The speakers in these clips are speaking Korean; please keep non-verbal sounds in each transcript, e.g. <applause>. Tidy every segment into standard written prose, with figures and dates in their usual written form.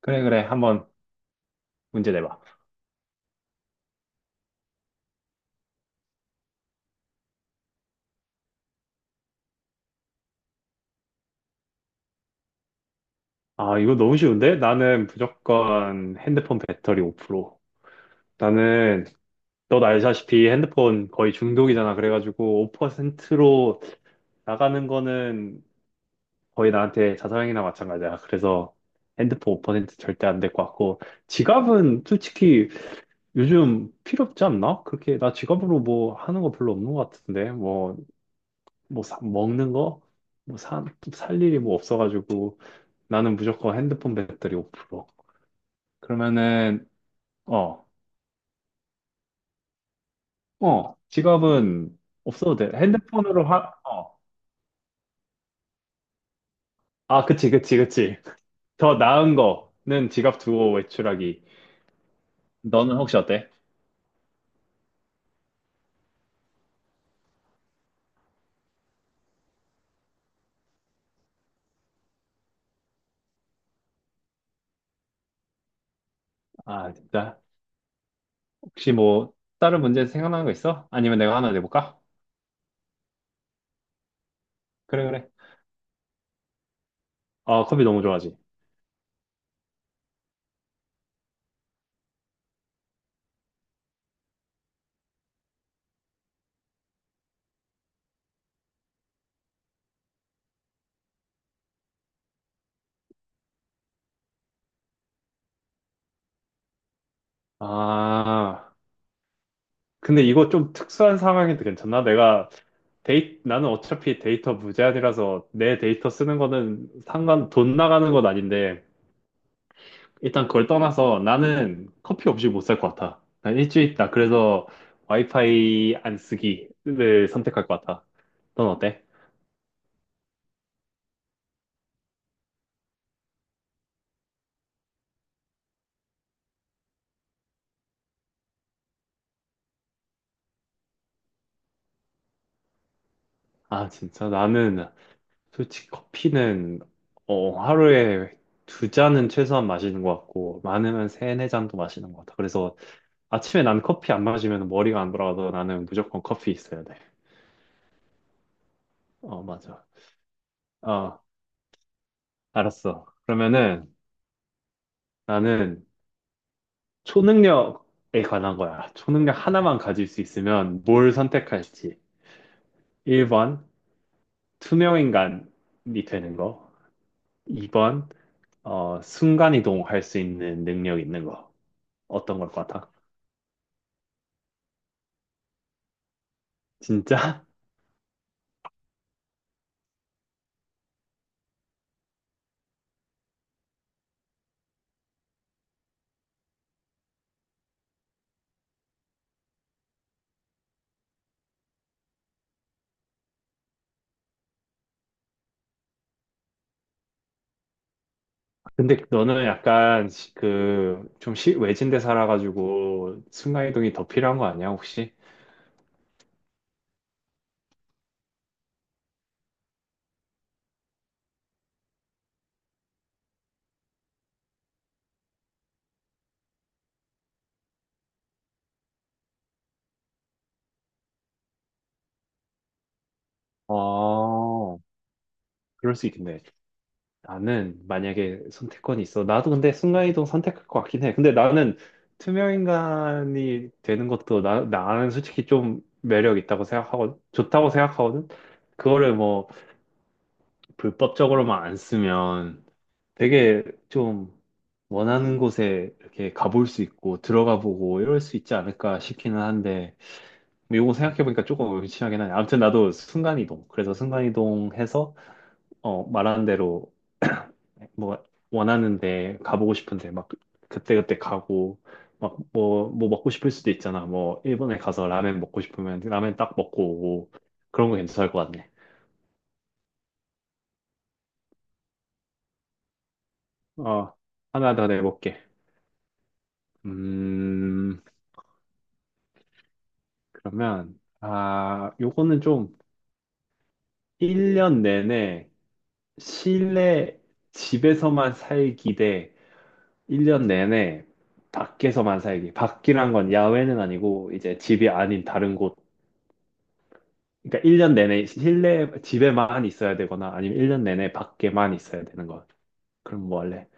그래, 그래. 한번 문제 내봐. 아, 이거 너무 쉬운데? 나는 무조건 핸드폰 배터리 5%. 나는, 너도 알다시피 핸드폰 거의 중독이잖아. 그래가지고 5%로 나가는 거는 거의 나한테 자살행위나 마찬가지야. 그래서 핸드폰 5% 절대 안 될 것 같고. 지갑은 솔직히 요즘 필요 없지 않나? 그렇게, 나 지갑으로 뭐 하는 거 별로 없는 것 같은데. 뭐, 먹는 거? 뭐, 살 일이 뭐 없어가지고. 나는 무조건 핸드폰 배터리 5%. 그러면은, 어, 어, 지갑은 없어도 돼. 핸드폰으로 어. 아, 그치, 그치, 그치. 더 나은 거는 지갑 두고 외출하기. 너는 혹시 어때? 아, 진짜? 혹시 뭐, 다른 문제 생각나는 거 있어? 아니면 내가 하나 내볼까? 그래, 그래. 아, 커피 너무 좋아하지. 아, 근데 이거 좀 특수한 상황인데 괜찮나? 내가 나는 어차피 데이터 무제한이라서 내 데이터 쓰는 거는 상관, 돈 나가는 건 아닌데, 일단 그걸 떠나서 나는 커피 없이 못 살 것 같아. 난 일주일 있다. 그래서 와이파이 안 쓰기를 선택할 것 같아. 넌 어때? 아, 진짜 나는 솔직히 커피는 하루에 두 잔은 최소한 마시는 것 같고 많으면 세네 잔도 마시는 것 같아. 그래서 아침에 난 커피 안 마시면 머리가 안 돌아가서 나는 무조건 커피 있어야 돼. 어, 맞아. 어, 알았어. 그러면은 나는 초능력에 관한 거야. 초능력 하나만 가질 수 있으면 뭘 선택할지. 1번, 투명인간이 되는 거. 2번, 순간이동할 수 있는 능력 있는 거. 어떤 걸 것 같아? 진짜? <laughs> 근데 너는 약간 그, 좀 외진데 살아가지고 순간이동이 더 필요한 거 아니야, 혹시? 어, 그럴 수 있겠네. 나는 만약에 선택권이 있어. 나도 근데 순간이동 선택할 것 같긴 해. 근데 나는 투명인간이 되는 것도 나는 솔직히 좀 매력 있다고 생각하고, 좋다고 생각하거든? 그거를 뭐 불법적으로만 안 쓰면 되게 좀 원하는 곳에 이렇게 가볼 수 있고, 들어가 보고 이럴 수 있지 않을까 싶기는 한데, 뭐 이거 생각해보니까 조금 의심하긴 하네. 아무튼 나도 순간이동. 그래서 순간이동 해서, 말하는 대로 뭐 원하는데 가보고 싶은데 막 그때그때 가고 막 뭐 뭐 먹고 싶을 수도 있잖아. 뭐 일본에 가서 라멘 먹고 싶으면 라멘 딱 먹고 오고 그런 거 괜찮을 것 같네. 어, 하나 더 내볼게. 음 그러면 아, 요거는 좀 1년 내내 실내 집에서만 살기 대 1년 내내 밖에서만 살기. 밖이란 건 야외는 아니고 이제 집이 아닌 다른 곳. 그러니까 1년 내내 실내 집에만 있어야 되거나 아니면 1년 내내 밖에만 있어야 되는 거. 그럼 뭐 할래?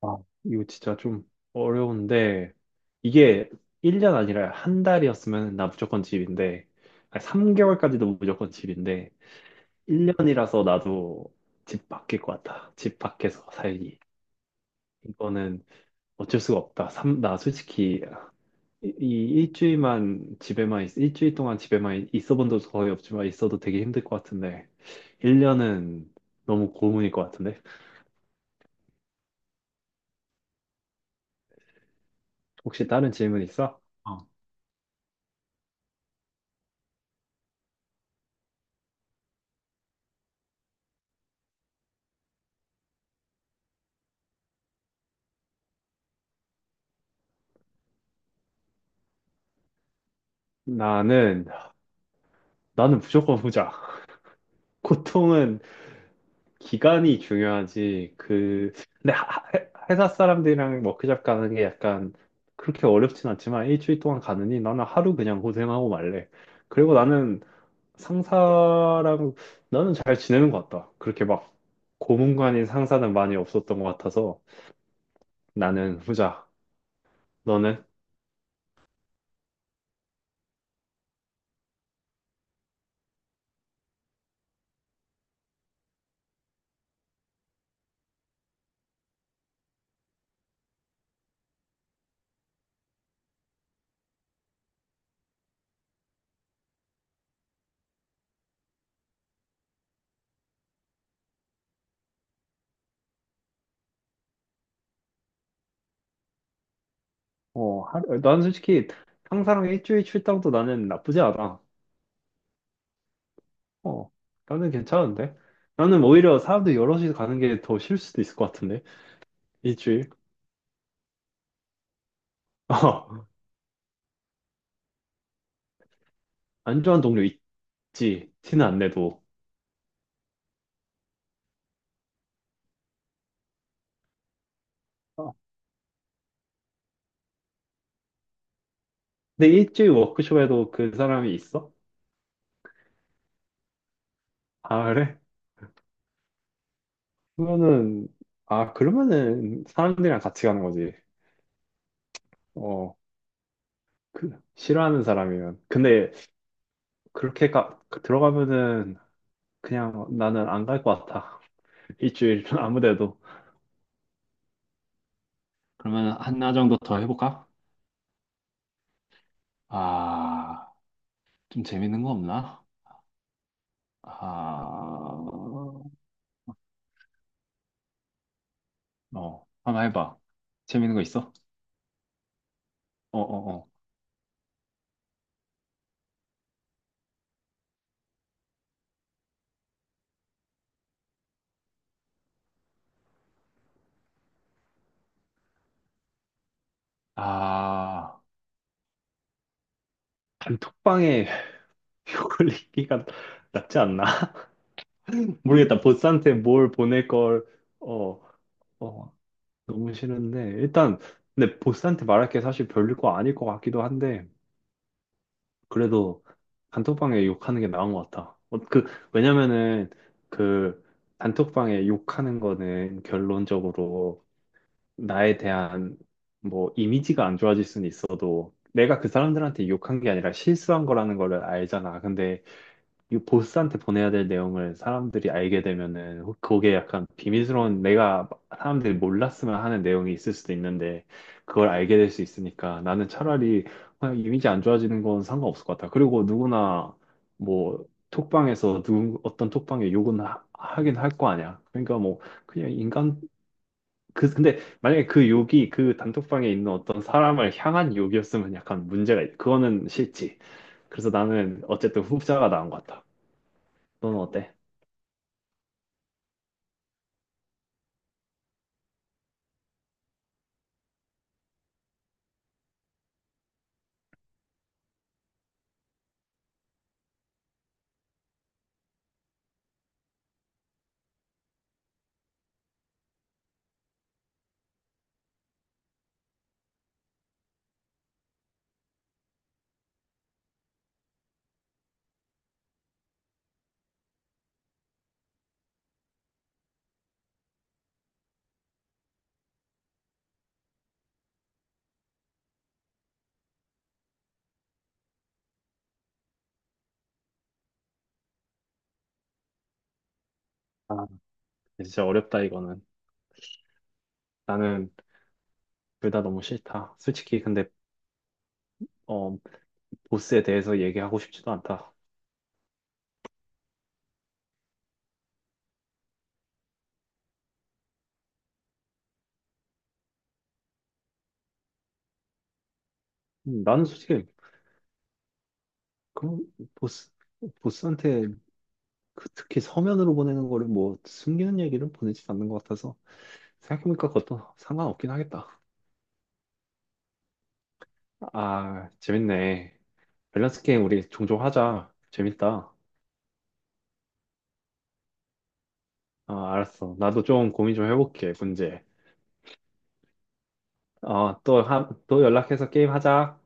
아, 이거 진짜 좀 어려운데 이게 1년 아니라 한 달이었으면 나 무조건 집인데 아니, 3개월까지도 무조건 집인데 1년이라서 나도 집 밖일 것 같아. 집 밖에서 살기. 이거는 어쩔 수가 없다. 나 솔직히 이 일주일 동안 집에만 있어본 적도 거의 없지만 있어도 되게 힘들 것 같은데 1년은 너무 고문일 것 같은데. 혹시 다른 질문 있어? 어. 나는 나는 무조건 후자. <laughs> 고통은 기간이 중요하지. 그 근데 회사 사람들이랑 워크숍 가는 게 약간 그렇게 어렵진 않지만 일주일 동안 가느니 나는 하루 그냥 고생하고 말래. 그리고 나는 상사랑 나는 잘 지내는 것 같다. 그렇게 막 고문관인 상사는 많이 없었던 것 같아서 나는 후자. 너는? 나는 솔직히 상사랑 일주일 출장도 나는 나쁘지 않아. 어, 나는 괜찮은데? 나는 오히려 사람들 여럿이 가는 게 더 싫을 수도 있을 것 같은데? 일주일? <laughs> 어, 안 좋아하는 동료 있지. 티는 안 내도. 어, 근데 일주일 워크숍에도 그 사람이 있어? 아, 그래? 그러면은, 아, 그러면은 사람들이랑 같이 가는 거지. 어, 그, 싫어하는 사람이면. 근데 그렇게 들어가면은 그냥 나는 안 갈 것 같아. <laughs> 일주일 아무 데도. 그러면 하나 정도 더 해볼까? 아, 좀 재밌는 거 없나? 아, 어, 하나 해봐. 재밌는 거 있어? 어, 어, 어. 아, 단톡방에 <laughs> 욕걸리기가 낫지 않나? <laughs> 모르겠다. 보스한테 뭘 보낼 걸, 어, 어, 너무 싫은데 일단 근데 보스한테 말할 게 사실 별일 거 아닐 것 같기도 한데 그래도 단톡방에 욕하는 게 나은 것 같아. 그 왜냐면은 그 단톡방에 욕하는 거는 결론적으로 나에 대한 뭐 이미지가 안 좋아질 수는 있어도 내가 그 사람들한테 욕한 게 아니라 실수한 거라는 거를 알잖아. 근데 이 보스한테 보내야 될 내용을 사람들이 알게 되면은 그게 약간 비밀스러운, 내가 사람들이 몰랐으면 하는 내용이 있을 수도 있는데 그걸 알게 될 수 있으니까 나는 차라리 그냥 이미지 안 좋아지는 건 상관없을 것 같아. 그리고 누구나 뭐 톡방에서 누 어떤 톡방에 욕은 하긴 할 거 아니야. 그러니까 뭐 그냥 인간. 그 근데 만약에 그 욕이 그 단톡방에 있는 어떤 사람을 향한 욕이었으면 약간 문제가 그거는 싫지. 그래서 나는 어쨌든 후자가 나은 것 같아. 너는 어때? 아, 진짜 어렵다, 이거는. 나는 둘 다 너무 싫다. 솔직히, 근데, 어, 보스에 대해서 얘기하고 싶지도 않다. 나는 솔직히, 그, 보스, 보스한테 그 특히 서면으로 보내는 거를 뭐, 숨기는 얘기를 보내지 않는 것 같아서, 생각해보니까 그것도 상관없긴 하겠다. 아, 재밌네. 밸런스 게임 우리 종종 하자. 재밌다. 아, 알았어. 나도 좀 고민 좀 해볼게, 문제. 어, 또 연락해서 게임 하자.